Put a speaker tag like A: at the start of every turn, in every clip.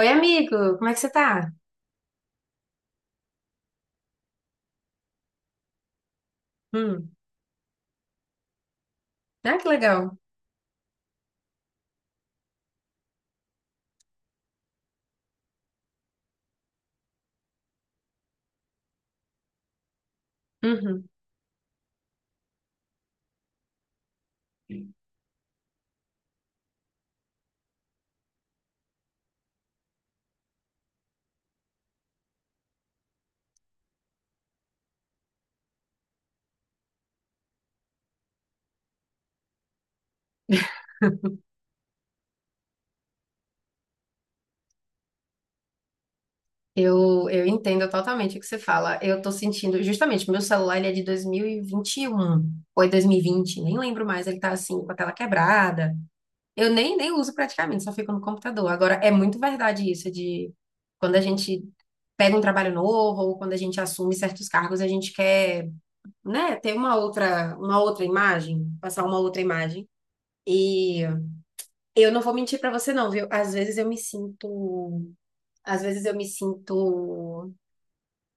A: Oi, amigo, como é que você tá? Hum. Ah, que legal. Uhum. Eu entendo totalmente o que você fala. Eu tô sentindo, justamente, meu celular ele é de 2021 ou é 2020, nem lembro mais, ele tá assim, com a tela quebrada. Eu nem uso praticamente, só fico no computador. Agora, é muito verdade isso de quando a gente pega um trabalho novo ou quando a gente assume certos cargos, a gente quer, né, ter uma outra imagem, passar uma outra imagem. e Eu não vou mentir pra você não, viu? Às vezes eu me sinto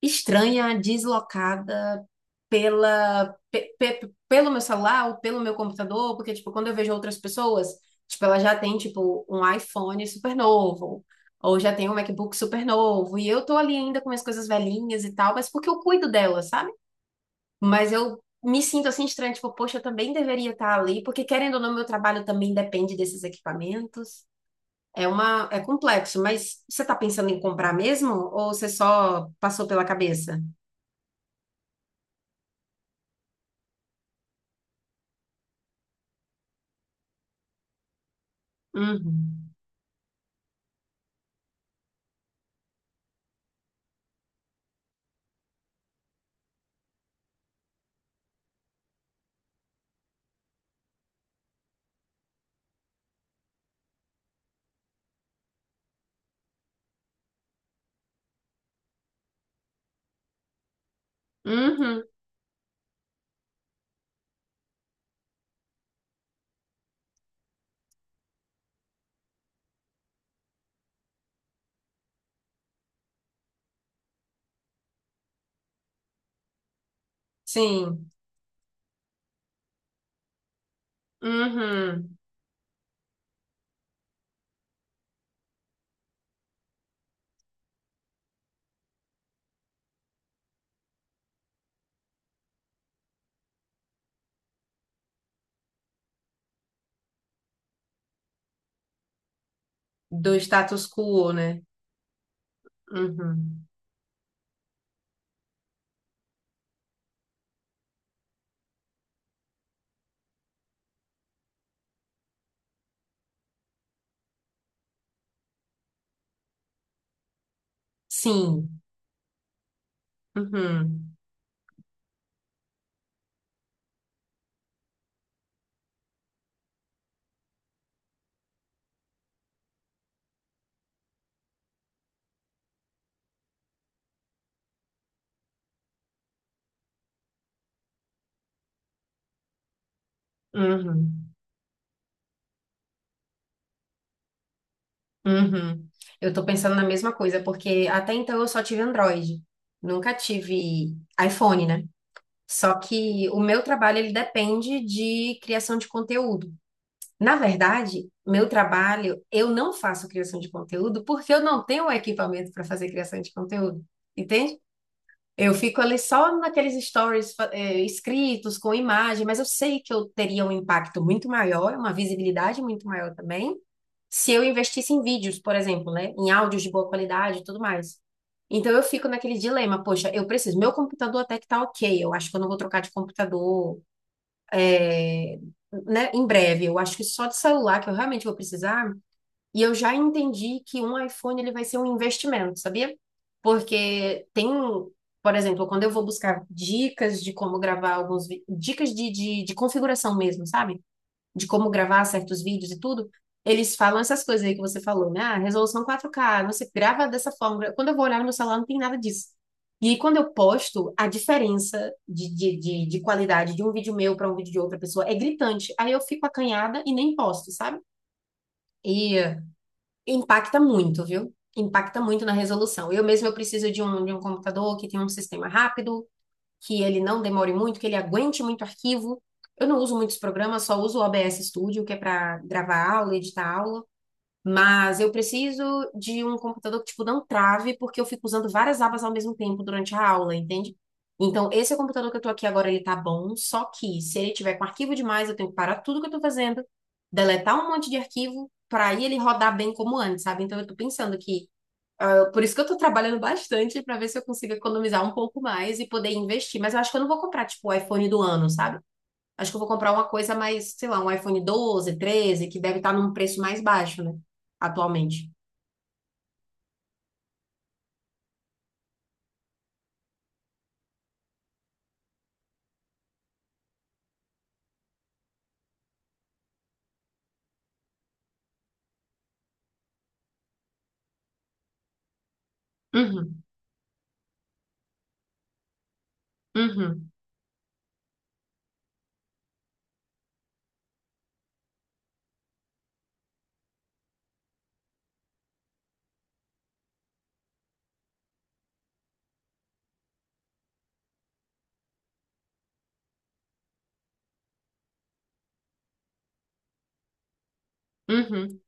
A: estranha, deslocada pelo meu celular ou pelo meu computador, porque tipo, quando eu vejo outras pessoas, tipo, ela já tem tipo um iPhone super novo, ou já tem um MacBook super novo, e eu tô ali ainda com minhas coisas velhinhas e tal, mas porque eu cuido delas, sabe? Mas eu me sinto assim estranha, tipo, poxa, eu também deveria estar ali, porque querendo ou não, meu trabalho também depende desses equipamentos. É complexo, mas você está pensando em comprar mesmo ou você só passou pela cabeça? Uhum. Uhum. Sim. Uhum. Do status quo, né? Uhum. Sim. Uhum. Uhum. Uhum. Eu tô pensando na mesma coisa, porque até então eu só tive Android. Nunca tive iPhone, né? Só que o meu trabalho ele depende de criação de conteúdo. Na verdade, meu trabalho, eu não faço criação de conteúdo porque eu não tenho o equipamento para fazer criação de conteúdo, entende? Eu fico ali só naqueles stories, escritos, com imagem, mas eu sei que eu teria um impacto muito maior, uma visibilidade muito maior também, se eu investisse em vídeos, por exemplo, né? Em áudios de boa qualidade e tudo mais. Então eu fico naquele dilema, poxa, eu preciso, meu computador até que tá ok, eu acho que eu não vou trocar de computador, é, né, em breve. Eu acho que só de celular que eu realmente vou precisar. E eu já entendi que um iPhone ele vai ser um investimento, sabia? Porque tem, por exemplo, quando eu vou buscar dicas de como gravar alguns, dicas de configuração mesmo, sabe? De como gravar certos vídeos e tudo, eles falam essas coisas aí que você falou, né? Ah, resolução 4K, você grava dessa forma. Quando eu vou olhar no meu celular, não tem nada disso. E aí, quando eu posto, a diferença de qualidade de um vídeo meu para um vídeo de outra pessoa é gritante. Aí eu fico acanhada e nem posto, sabe? E eh, Impacta muito, viu? Impacta muito na resolução. Eu mesmo eu preciso de um computador que tem um sistema rápido, que ele não demore muito, que ele aguente muito arquivo. Eu não uso muitos programas, só uso o OBS Studio, que é para gravar aula, editar aula. Mas eu preciso de um computador que, tipo, não trave, porque eu fico usando várias abas ao mesmo tempo durante a aula, entende? Então, esse computador que eu tô aqui agora, ele tá bom, só que se ele tiver com arquivo demais, eu tenho que parar tudo que eu tô fazendo, deletar um monte de arquivo, para aí ele rodar bem como antes, sabe? Então, eu tô pensando que por isso que eu tô trabalhando bastante pra ver se eu consigo economizar um pouco mais e poder investir. Mas eu acho que eu não vou comprar, tipo, o iPhone do ano, sabe? Acho que eu vou comprar uma coisa mais, sei lá, um iPhone 12 13 que deve estar num preço mais baixo, né? Atualmente. Uhum, uhum, uhum.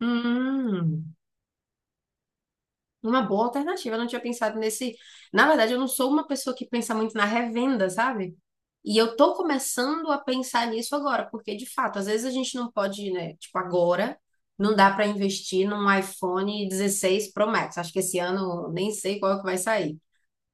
A: Hum. Uma boa alternativa. Eu não tinha pensado nesse. Na verdade, eu não sou uma pessoa que pensa muito na revenda, sabe? E eu tô começando a pensar nisso agora, porque de fato, às vezes a gente não pode, né? Tipo, agora não dá para investir num iPhone 16 Pro Max. Acho que esse ano nem sei qual que vai sair.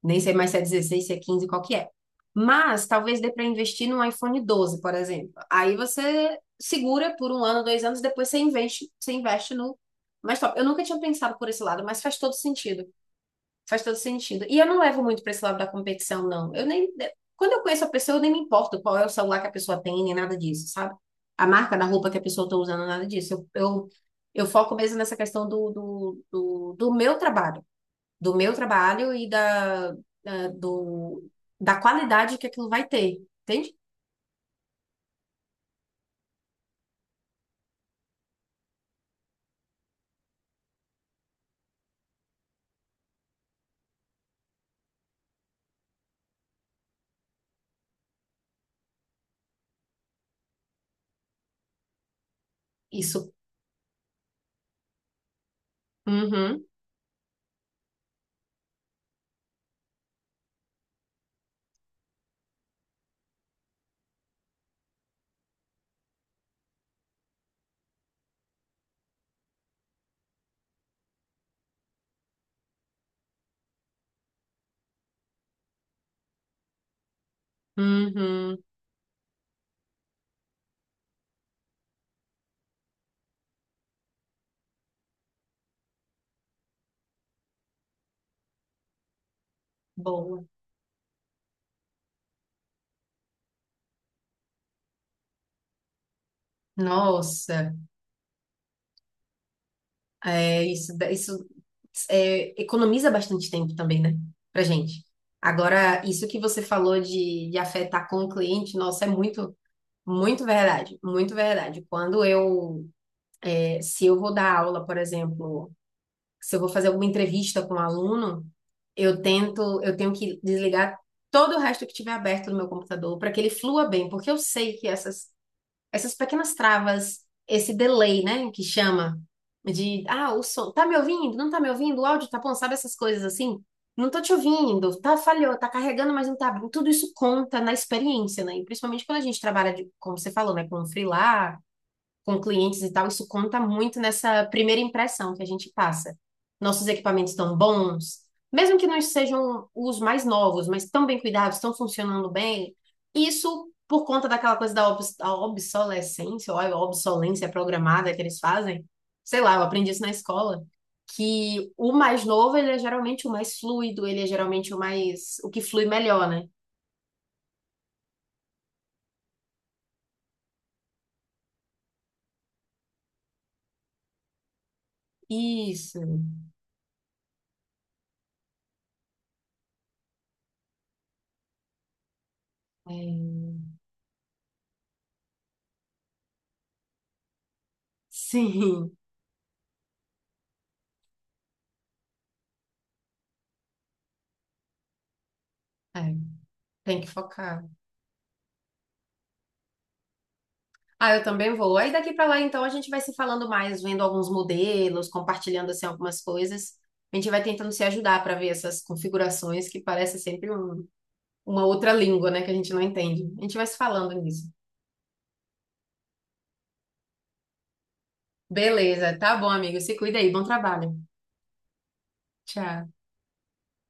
A: Nem sei mais se é 16 se é 15 qual que é. Mas talvez dê para investir num iPhone 12, por exemplo. Aí você segura por um ano, dois anos, depois você investe no mais top. Eu nunca tinha pensado por esse lado, mas faz todo sentido. Faz todo sentido. E eu não levo muito para esse lado da competição, não. Eu nem. Quando eu conheço a pessoa, eu nem me importo qual é o celular que a pessoa tem, nem nada disso, sabe? A marca da roupa que a pessoa está usando, nada disso. Eu foco mesmo nessa questão do meu trabalho do meu trabalho e da, do, da qualidade que aquilo vai ter, entende? Isso. Uhum, uhum, boa. Nossa, isso, isso economiza bastante tempo também, né? Pra gente. Agora, isso que você falou de afetar com o cliente, nossa, muito verdade, muito verdade. Se eu vou dar aula, por exemplo, se eu vou fazer alguma entrevista com um aluno, eu tenho que desligar todo o resto que tiver aberto no meu computador para que ele flua bem, porque eu sei que essas pequenas travas, esse delay, né, que chama de ah, o som, tá me ouvindo? Não tá me ouvindo? O áudio tá bom, sabe essas coisas assim? Não tô te ouvindo, tá falhou, tá carregando, mas não tá. Tudo isso conta na experiência, né? E principalmente quando a gente trabalha de, como você falou, né, com freela, com clientes e tal, isso conta muito nessa primeira impressão que a gente passa. Nossos equipamentos estão bons, mesmo que não sejam os mais novos, mas estão bem cuidados, estão funcionando bem. Isso por conta daquela coisa da a obsolescência, ou a obsolência programada que eles fazem. Sei lá, eu aprendi isso na escola, que o mais novo, ele é geralmente o mais fluido, ele é geralmente o mais, o que flui melhor, né? Isso. É. Sim. É, tem que focar. Ah, eu também vou. Aí daqui pra lá, então, a gente vai se falando mais, vendo alguns modelos, compartilhando assim algumas coisas. A gente vai tentando se ajudar para ver essas configurações que parece sempre uma outra língua, né, que a gente não entende. A gente vai se falando nisso. Beleza, tá bom, amigo. Se cuida aí. Bom trabalho. Tchau.